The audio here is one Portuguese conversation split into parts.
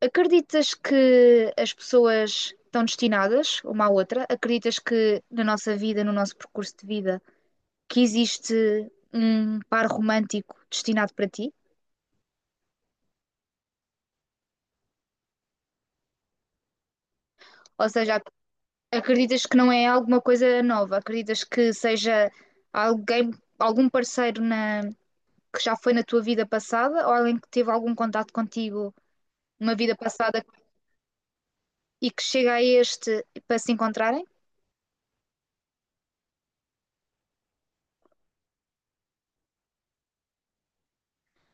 Acreditas que as pessoas estão destinadas uma à outra? Acreditas que na nossa vida, no nosso percurso de vida, que existe um par romântico destinado para ti? Ou seja, acreditas que não é alguma coisa nova? Acreditas que seja alguém, algum parceiro que já foi na tua vida passada ou alguém que teve algum contato contigo numa vida passada e que chega a este para se encontrarem?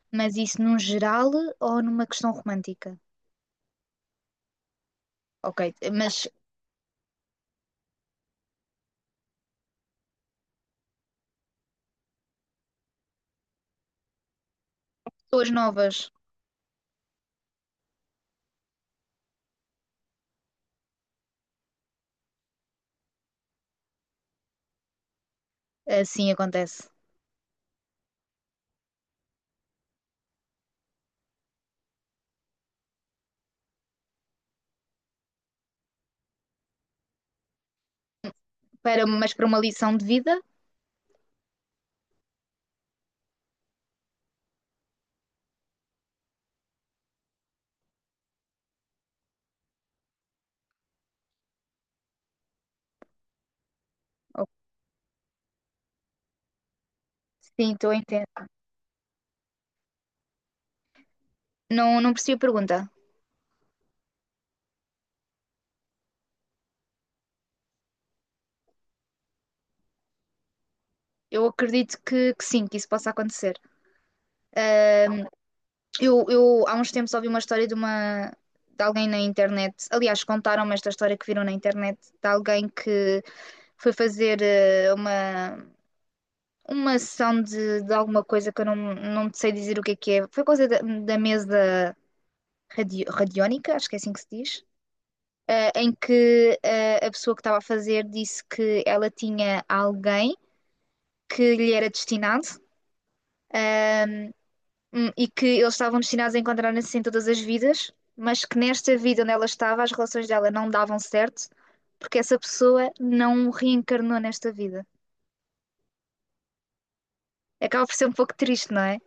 Mas isso num geral ou numa questão romântica? Ok, mas pessoas novas, assim acontece. Para, mas para uma lição de vida, oh, sim, estou a entender. Não, não percebi a pergunta. Eu acredito que, sim, que isso possa acontecer. Ahm, eu há uns tempos ouvi uma história de alguém na internet. Aliás, contaram-me esta história que viram na internet de alguém que foi fazer uma sessão de alguma coisa que eu não sei dizer o que é que é. Foi coisa da mesa radiónica, acho que é assim que se diz, em que a pessoa que estava a fazer disse que ela tinha alguém que lhe era destinado, ahm, e que eles estavam destinados a encontrar-se em todas as vidas, mas que nesta vida onde ela estava as relações dela não davam certo, porque essa pessoa não reencarnou nesta vida. Acaba por ser um pouco triste, não é?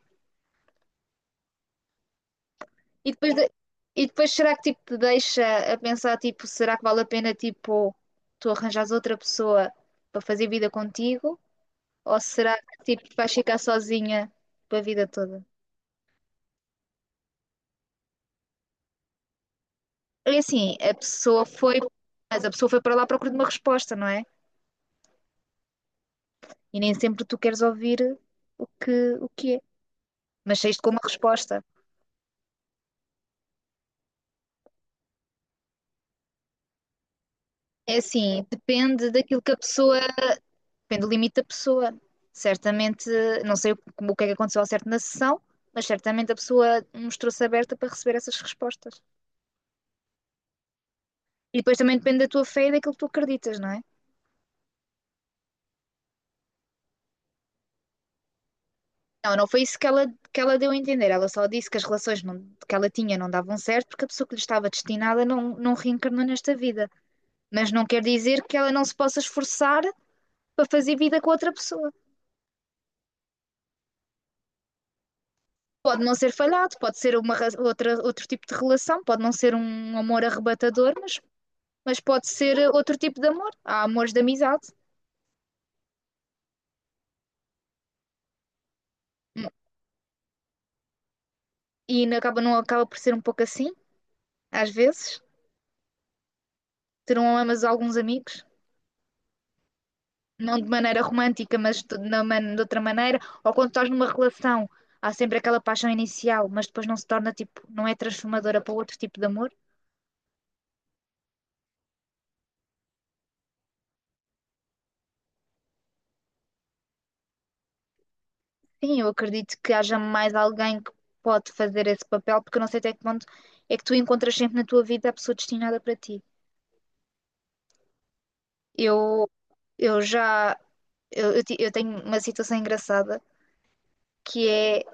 E depois, será que tipo te deixa a pensar tipo, será que vale a pena tipo tu arranjares outra pessoa para fazer vida contigo? Ou será que tipo vais ficar sozinha para a vida toda? É assim, mas a pessoa foi para lá à procura de uma resposta, não é? E nem sempre tu queres ouvir o que é, mas saíste com uma resposta. É assim, depende daquilo que a pessoa depende do limite da pessoa. Certamente, não sei o que é que aconteceu ao certo na sessão, mas certamente a pessoa mostrou-se aberta para receber essas respostas. E depois também depende da tua fé e daquilo que tu acreditas, não é? Não, não foi isso que ela deu a entender. Ela só disse que as relações que ela tinha não davam certo porque a pessoa que lhe estava destinada não reencarnou nesta vida. Mas não quer dizer que ela não se possa esforçar para fazer vida com outra pessoa. Pode não ser falhado, pode ser uma, outro tipo de relação, pode não ser um amor arrebatador, mas pode ser outro tipo de amor. Há amores de amizade. Hum, e não acaba por ser um pouco assim, às vezes. Terão amas alguns amigos, não de maneira romântica, mas de outra maneira. Ou quando estás numa relação, há sempre aquela paixão inicial, mas depois não se torna tipo, não é transformadora para outro tipo de amor. Sim, eu acredito que haja mais alguém que pode fazer esse papel, porque eu não sei até que ponto é que tu encontras sempre na tua vida a pessoa destinada para ti. Eu, eu já, eu ti- eu tenho uma situação engraçada que é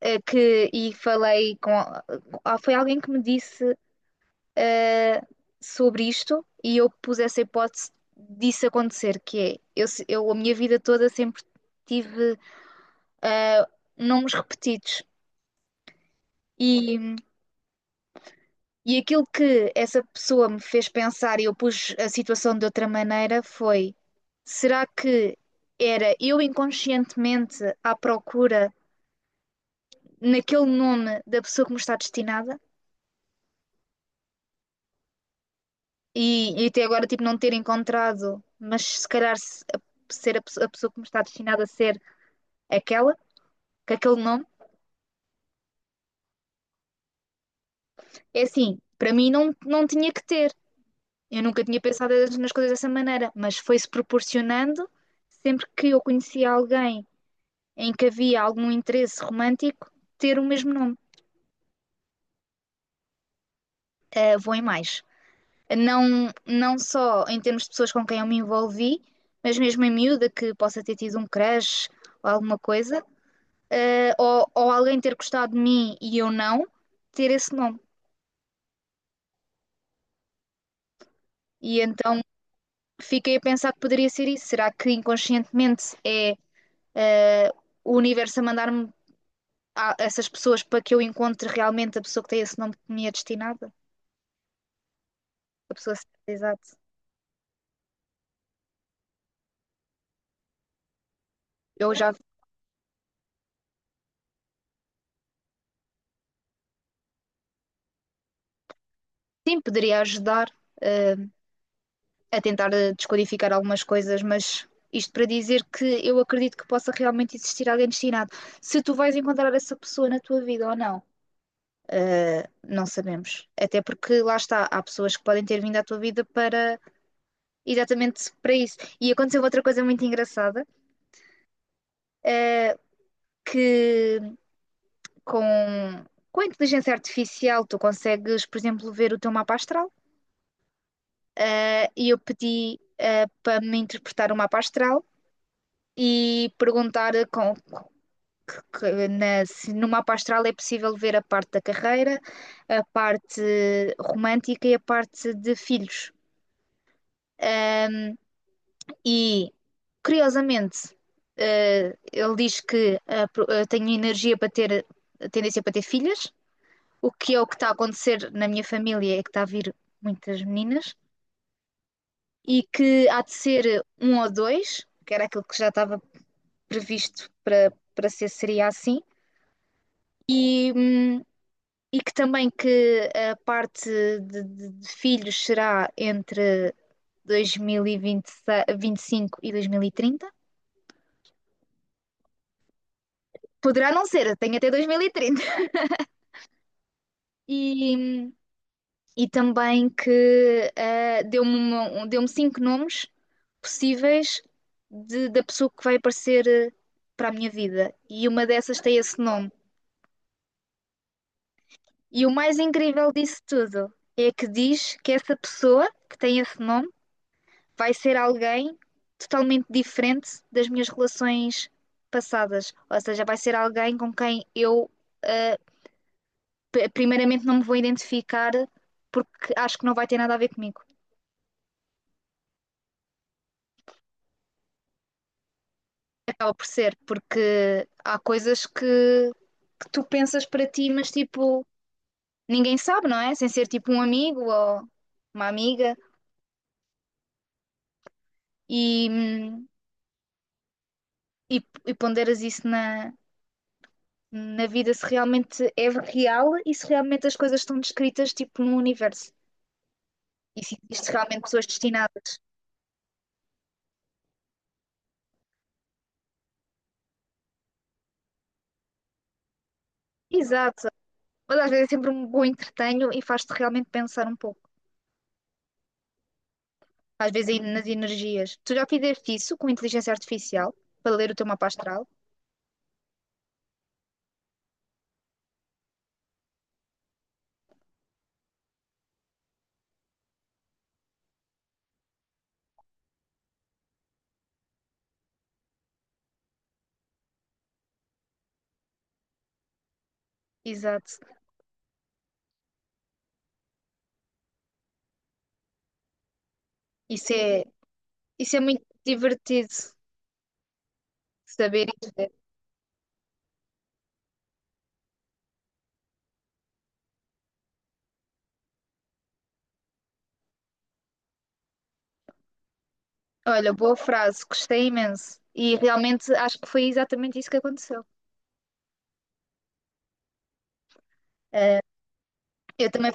que e falei com foi alguém que me disse eh, sobre isto e eu pus essa hipótese disso acontecer, que é eu, se- eu a minha vida toda sempre tive eh, nomes repetidos. E, e aquilo que essa pessoa me fez pensar e eu pus a situação de outra maneira foi: será que era eu inconscientemente à procura naquele nome da pessoa que me está destinada? E até agora, tipo, não ter encontrado, mas se calhar ser a pessoa que me está destinada a ser aquela, com aquele nome, é assim, para mim não tinha que ter. Eu nunca tinha pensado nas coisas dessa maneira, mas foi-se proporcionando sempre que eu conhecia alguém em que havia algum interesse romântico, ter o mesmo nome. Vou em mais. Não, não só em termos de pessoas com quem eu me envolvi, mas mesmo em miúda que possa ter tido um crush ou alguma coisa ou, alguém ter gostado de mim e eu não, ter esse nome. E então fiquei a pensar que poderia ser isso. Será que inconscientemente é eh, o universo a mandar-me a essas pessoas para que eu encontre realmente a pessoa que tem esse nome que me é destinada? A pessoa certa, exato. Eu já, sim, poderia ajudar eh, a tentar descodificar algumas coisas, mas. Isto para dizer que eu acredito que possa realmente existir alguém destinado. Se tu vais encontrar essa pessoa na tua vida ou não, não sabemos. Até porque lá está, há pessoas que podem ter vindo à tua vida para exatamente para isso. E aconteceu outra coisa muito engraçada, uh, que com, com, a inteligência artificial tu consegues, por exemplo, ver o teu mapa astral. E eu pedi para me interpretar o mapa astral e perguntar com, que na, se no mapa astral é possível ver a parte da carreira, a parte romântica e a parte de filhos. Um, E, curiosamente, ele diz que tenho energia para ter, tendência para ter filhas, o que está a acontecer na minha família é que está a vir muitas meninas, e que há de ser um ou dois, que era aquilo que já estava previsto para ser, seria assim, e, hum, e que também que a parte de, filhos será entre 2025 e 2030. Poderá não ser, tenho até 2030. E, e também que deu-me cinco nomes possíveis da pessoa que vai aparecer para a minha vida. E uma dessas tem esse nome. E o mais incrível disso tudo é que diz que essa pessoa que tem esse nome vai ser alguém totalmente diferente das minhas relações passadas. Ou seja, vai ser alguém com quem eu, ah, primeiramente, não me vou identificar porque acho que não vai ter nada a ver comigo. Acaba por ser, porque há coisas que, tu pensas para ti, mas tipo, ninguém sabe, não é? Sem ser tipo um amigo ou uma amiga e, hum, e ponderas isso na vida se realmente é real e se realmente as coisas estão descritas tipo no universo e se existem realmente pessoas destinadas. Exato. Mas às vezes é sempre um bom entretenho e faz-te realmente pensar um pouco. Às vezes aí nas energias. Tu já fizeste isso com inteligência artificial para ler o teu mapa astral? Exato. Isso é, isso é muito divertido saber e ver. Olha, boa frase, gostei imenso. E realmente acho que foi exatamente isso que aconteceu. Eu também,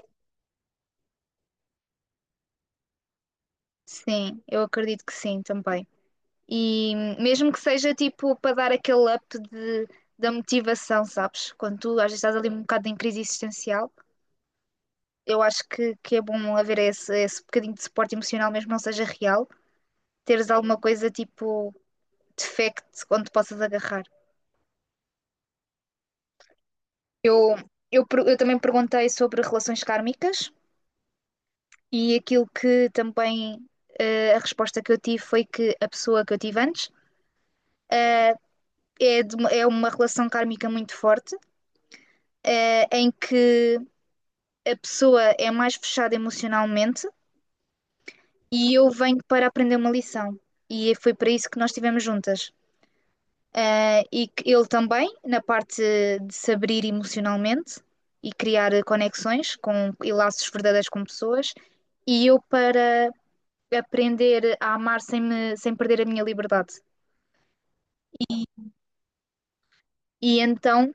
sim, eu acredito que sim também. E mesmo que seja tipo para dar aquele up da motivação, sabes? Quando tu às vezes estás ali um bocado em crise existencial, eu acho que é bom haver esse bocadinho de suporte emocional, mesmo que não seja real, teres alguma coisa tipo de fact onde possas agarrar. Eu, eu também perguntei sobre relações kármicas e aquilo que também a resposta que eu tive foi que a pessoa que eu tive antes é uma relação kármica muito forte, em que a pessoa é mais fechada emocionalmente e eu venho para aprender uma lição. E foi para isso que nós estivemos juntas. Ah, e que ele também, na parte de se abrir emocionalmente e criar conexões e laços verdadeiros com pessoas, e eu para aprender a amar sem perder a minha liberdade. E, e então,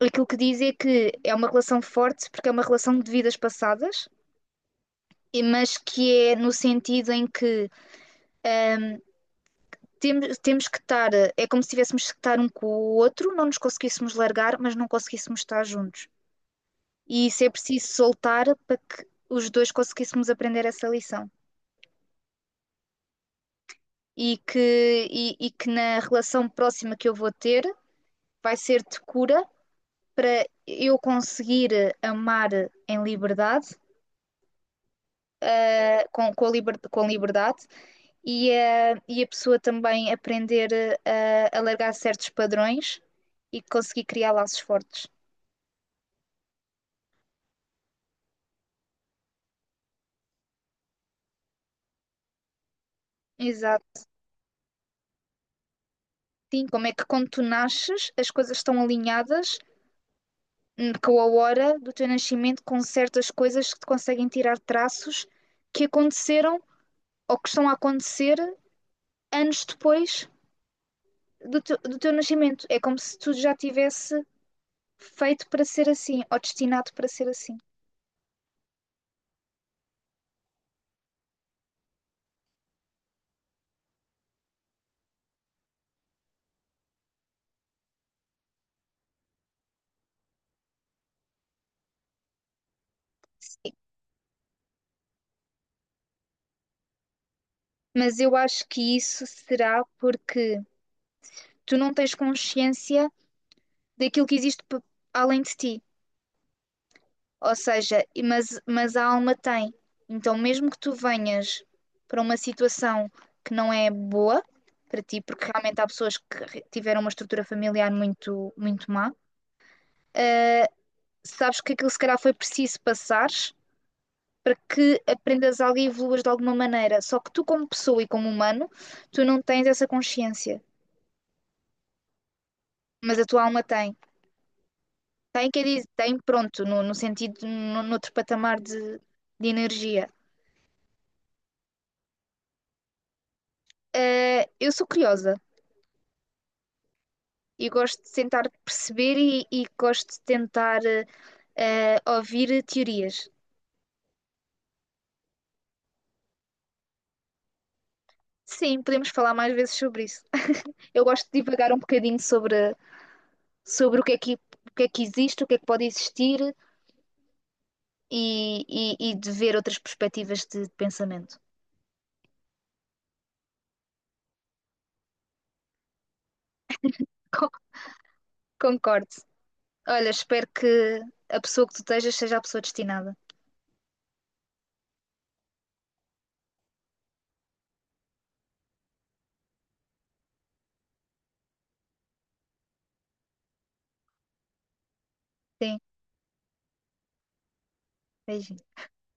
aquilo que diz é que é uma relação forte, porque é uma relação de vidas passadas, mas que é no sentido em que temos que estar, é como se tivéssemos que estar um com o outro, não nos conseguíssemos largar, mas não conseguíssemos estar juntos. E isso é preciso soltar para que os dois conseguíssemos aprender essa lição. E que na relação próxima que eu vou ter vai ser de cura para eu conseguir amar em liberdade, com liberdade, e a pessoa também aprender a largar certos padrões e conseguir criar laços fortes. Exato. Sim, como é que quando tu nasces, as coisas estão alinhadas com a hora do teu nascimento, com certas coisas que te conseguem tirar traços que aconteceram ou que estão a acontecer anos depois do teu nascimento. É como se tudo já tivesse feito para ser assim, ou destinado para ser assim. Sim. Mas eu acho que isso será porque tu não tens consciência daquilo que existe além de ti. Ou seja, mas a alma tem. Então, mesmo que tu venhas para uma situação que não é boa para ti, porque realmente há pessoas que tiveram uma estrutura familiar muito, muito má, sabes que aquilo se calhar foi preciso passares para que aprendas algo e evoluas de alguma maneira. Só que tu, como pessoa e como humano, tu não tens essa consciência, mas a tua alma tem. Tem, quer dizer, tem, pronto, no, no, sentido, no, noutro patamar de energia. Eu sou curiosa. E gosto de tentar perceber e gosto de tentar ouvir teorias. Sim, podemos falar mais vezes sobre isso. Eu gosto de divagar um bocadinho sobre, o que é que existe, o que é que pode existir e de ver outras perspectivas de, pensamento. Con- Concordo. Olha, espero que a pessoa que tu estejas seja a pessoa destinada. Sim, beijinho.